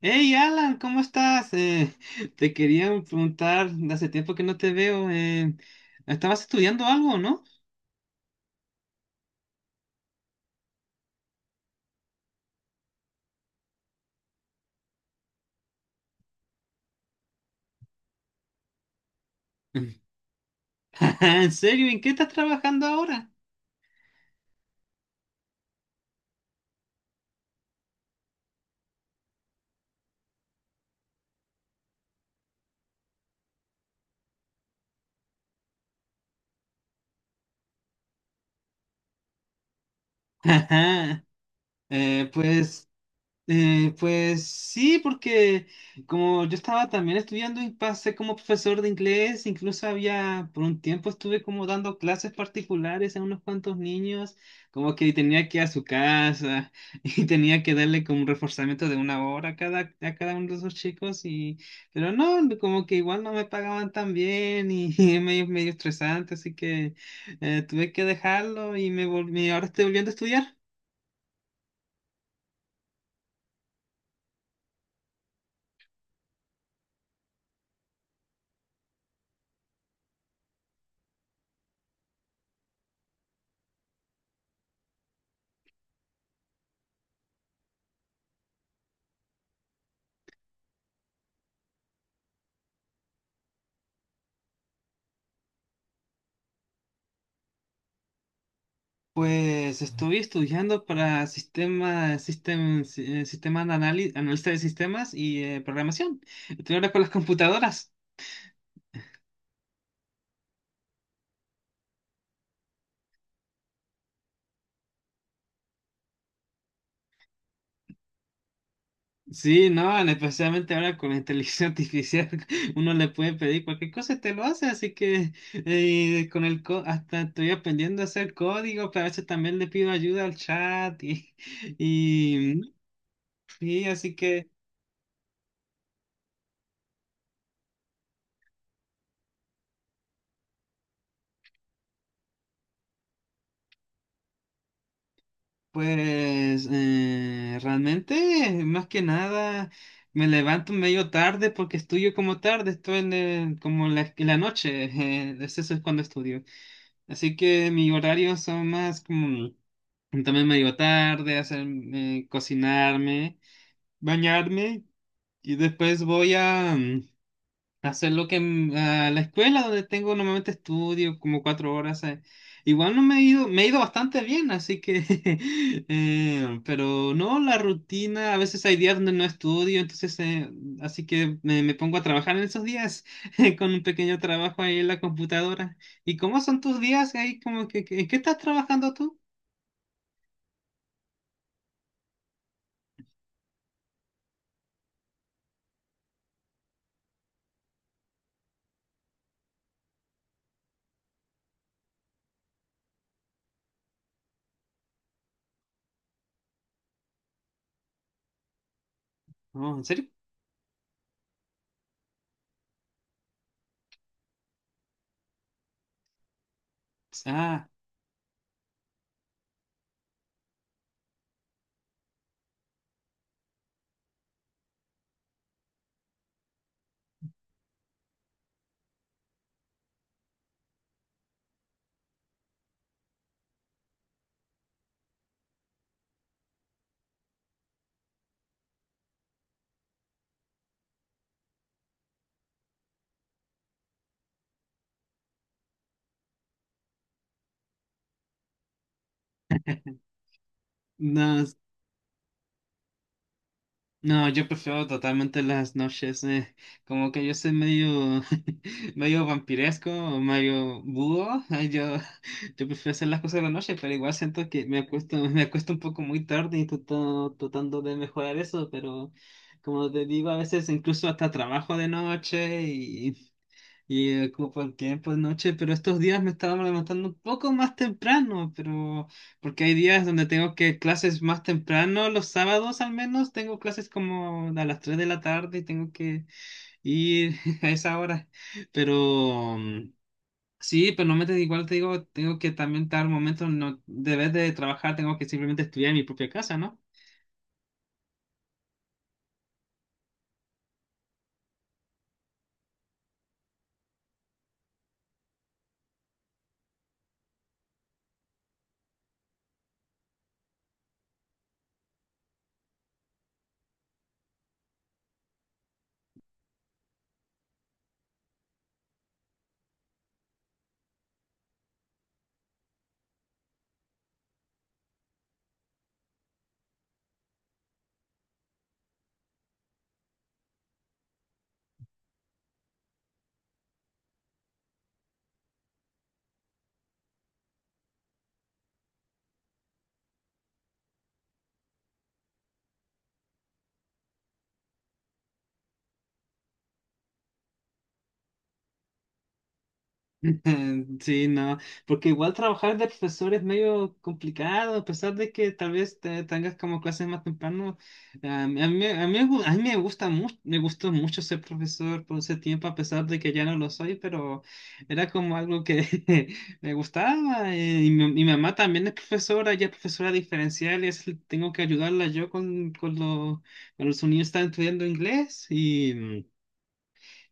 Hey Alan, ¿cómo estás? Te quería preguntar, hace tiempo que no te veo. ¿Estabas estudiando algo, no? ¿En serio? ¿En qué estás trabajando ahora? Ajá. Pues. Pues sí, porque como yo estaba también estudiando y pasé como profesor de inglés, incluso había, por un tiempo estuve como dando clases particulares a unos cuantos niños, como que tenía que ir a su casa y tenía que darle como un reforzamiento de una hora a cada uno de esos chicos, y, pero no, como que igual no me pagaban tan bien y, es medio, medio estresante, así que tuve que dejarlo y me volví, ahora estoy volviendo a estudiar. Pues estuve estudiando para sistema, sistem- si- sistema de analista de sistemas y programación. Estoy ahora con las computadoras. Sí, no, especialmente ahora con la inteligencia artificial, uno le puede pedir cualquier cosa y te lo hace, así que hasta estoy aprendiendo a hacer código, pero a veces también le pido ayuda al chat y, y así que. Pues realmente, más que nada, me levanto medio tarde porque estudio como tarde, estoy en la noche, eso es cuando estudio. Así que mi horario son más como también medio tarde, hacer, cocinarme, bañarme y después voy a. Hacer lo que mm, ah, La escuela donde tengo normalmente estudio como 4 horas. Igual no me he ido, me he ido bastante bien, así que, pero no, la rutina, a veces hay días donde no estudio, entonces, así que me pongo a trabajar en esos días con un pequeño trabajo ahí en la computadora. ¿Y cómo son tus días ahí? Como ¿en qué estás trabajando tú? No, ¿en serio? Ah, no, no, yo prefiero totalmente las noches, como que yo soy medio, medio vampiresco, o medio búho, yo prefiero hacer las cosas de la noche, pero igual siento que me acuesto, me acuesto un poco muy tarde y tratando de mejorar eso, pero como te digo, a veces incluso hasta trabajo de noche y ocupo el tiempo de noche, pero estos días me estaba levantando un poco más temprano, pero porque hay días donde tengo que clases más temprano, los sábados al menos tengo clases como a las 3 de la tarde y tengo que ir a esa hora. Pero sí, pero no me te- igual te digo, tengo que también dar momentos, no, de vez de trabajar, tengo que simplemente estudiar en mi propia casa, ¿no? Sí, no, porque igual trabajar de profesor es medio complicado, a pesar de que tal vez tengas como clases más temprano. A mí me gusta mucho, me gustó mucho ser profesor por ese tiempo, a pesar de que ya no lo soy, pero era como algo que me gustaba. Y mi mamá también es profesora, ella es profesora diferencial y tengo que ayudarla yo con los niños que están estudiando inglés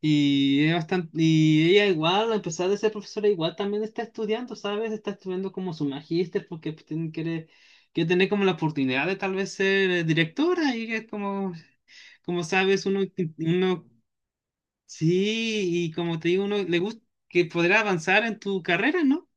y, es bastante, y ella igual, a pesar de ser profesora, igual también está estudiando, ¿sabes? Está estudiando como su magíster porque pues, quiere tener como la oportunidad de tal vez ser directora y es como, como sabes, uno, sí, y como te digo, uno le gusta que podrá avanzar en tu carrera, ¿no?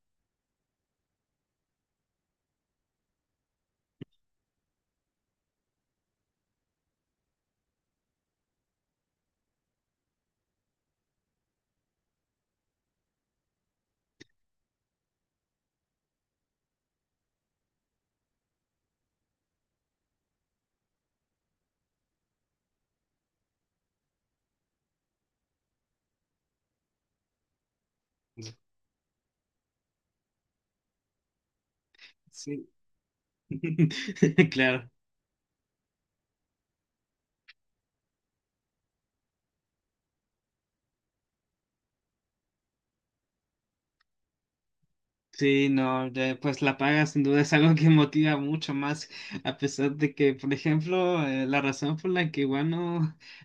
Sí. Claro. Sí, no, pues la paga sin duda es algo que motiva mucho más, a pesar de que, por ejemplo, la razón por la que igual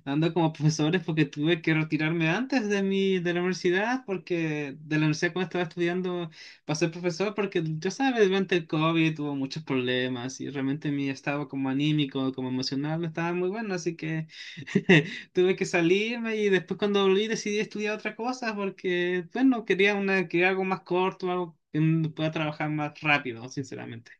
no ando como profesor es porque tuve que retirarme antes de mi, de la universidad, porque de la universidad cuando estaba estudiando para ser profesor, porque ya sabes, durante el COVID tuvo muchos problemas y realmente mi estado como anímico, como emocional no estaba muy bueno, así que tuve que salirme y después cuando volví decidí estudiar otra cosa porque, bueno, quería algo más corto, algo que pueda trabajar más rápido, sinceramente.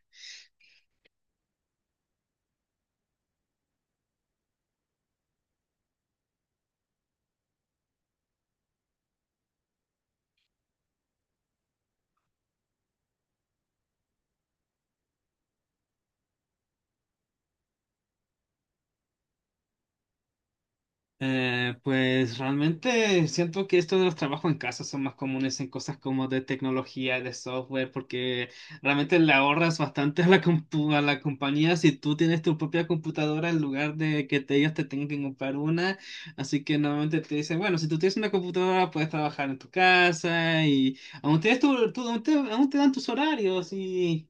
Pues realmente siento que esto de los trabajos en casa son más comunes en cosas como de tecnología, de software, porque realmente le ahorras bastante a a la compañía si tú tienes tu propia computadora en lugar de que te, ellos te tengan que comprar una. Así que normalmente te dicen, bueno, si tú tienes una computadora puedes trabajar en tu casa y aún, tienes aún aún te dan tus horarios y...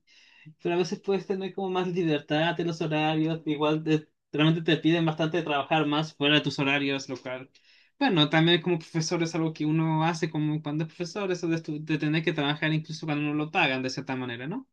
Pero a veces puedes tener como más libertad en los horarios, igual realmente te piden bastante trabajar más fuera de tus horarios, lo cual, bueno, también como profesor es algo que uno hace como cuando es profesor, eso de, de tener que trabajar incluso cuando no lo pagan de cierta manera, ¿no?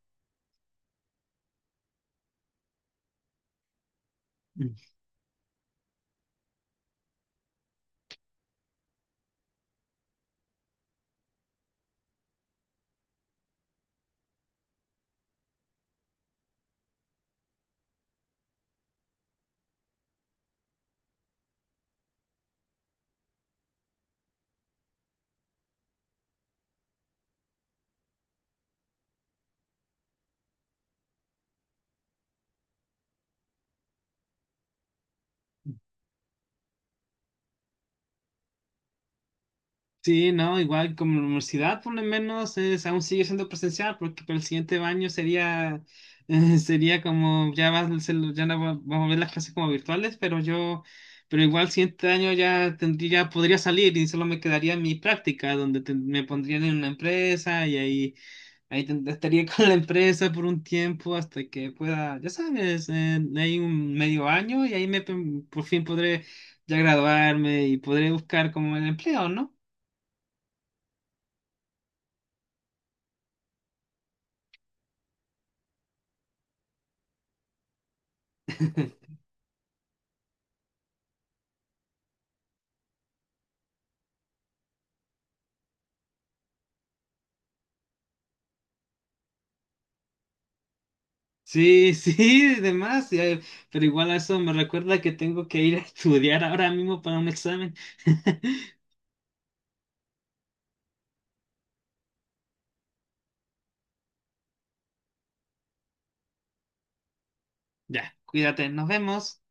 Sí, no, igual como la universidad por lo menos es, aún sigue siendo presencial porque para el siguiente año sería, sería como ya, va a ser- ya no va- vamos a ver las clases como virtuales, pero pero igual el siguiente año ya tendría, podría salir y solo me quedaría mi práctica donde me pondrían en una empresa y ahí estaría con la empresa por un tiempo hasta que pueda, ya sabes, hay un medio año y ahí por fin podré ya graduarme y podré buscar como el empleo, ¿no? Sí, sí, demás, pero igual a eso me recuerda que tengo que ir a estudiar ahora mismo para un examen. Ya, cuídate, nos vemos.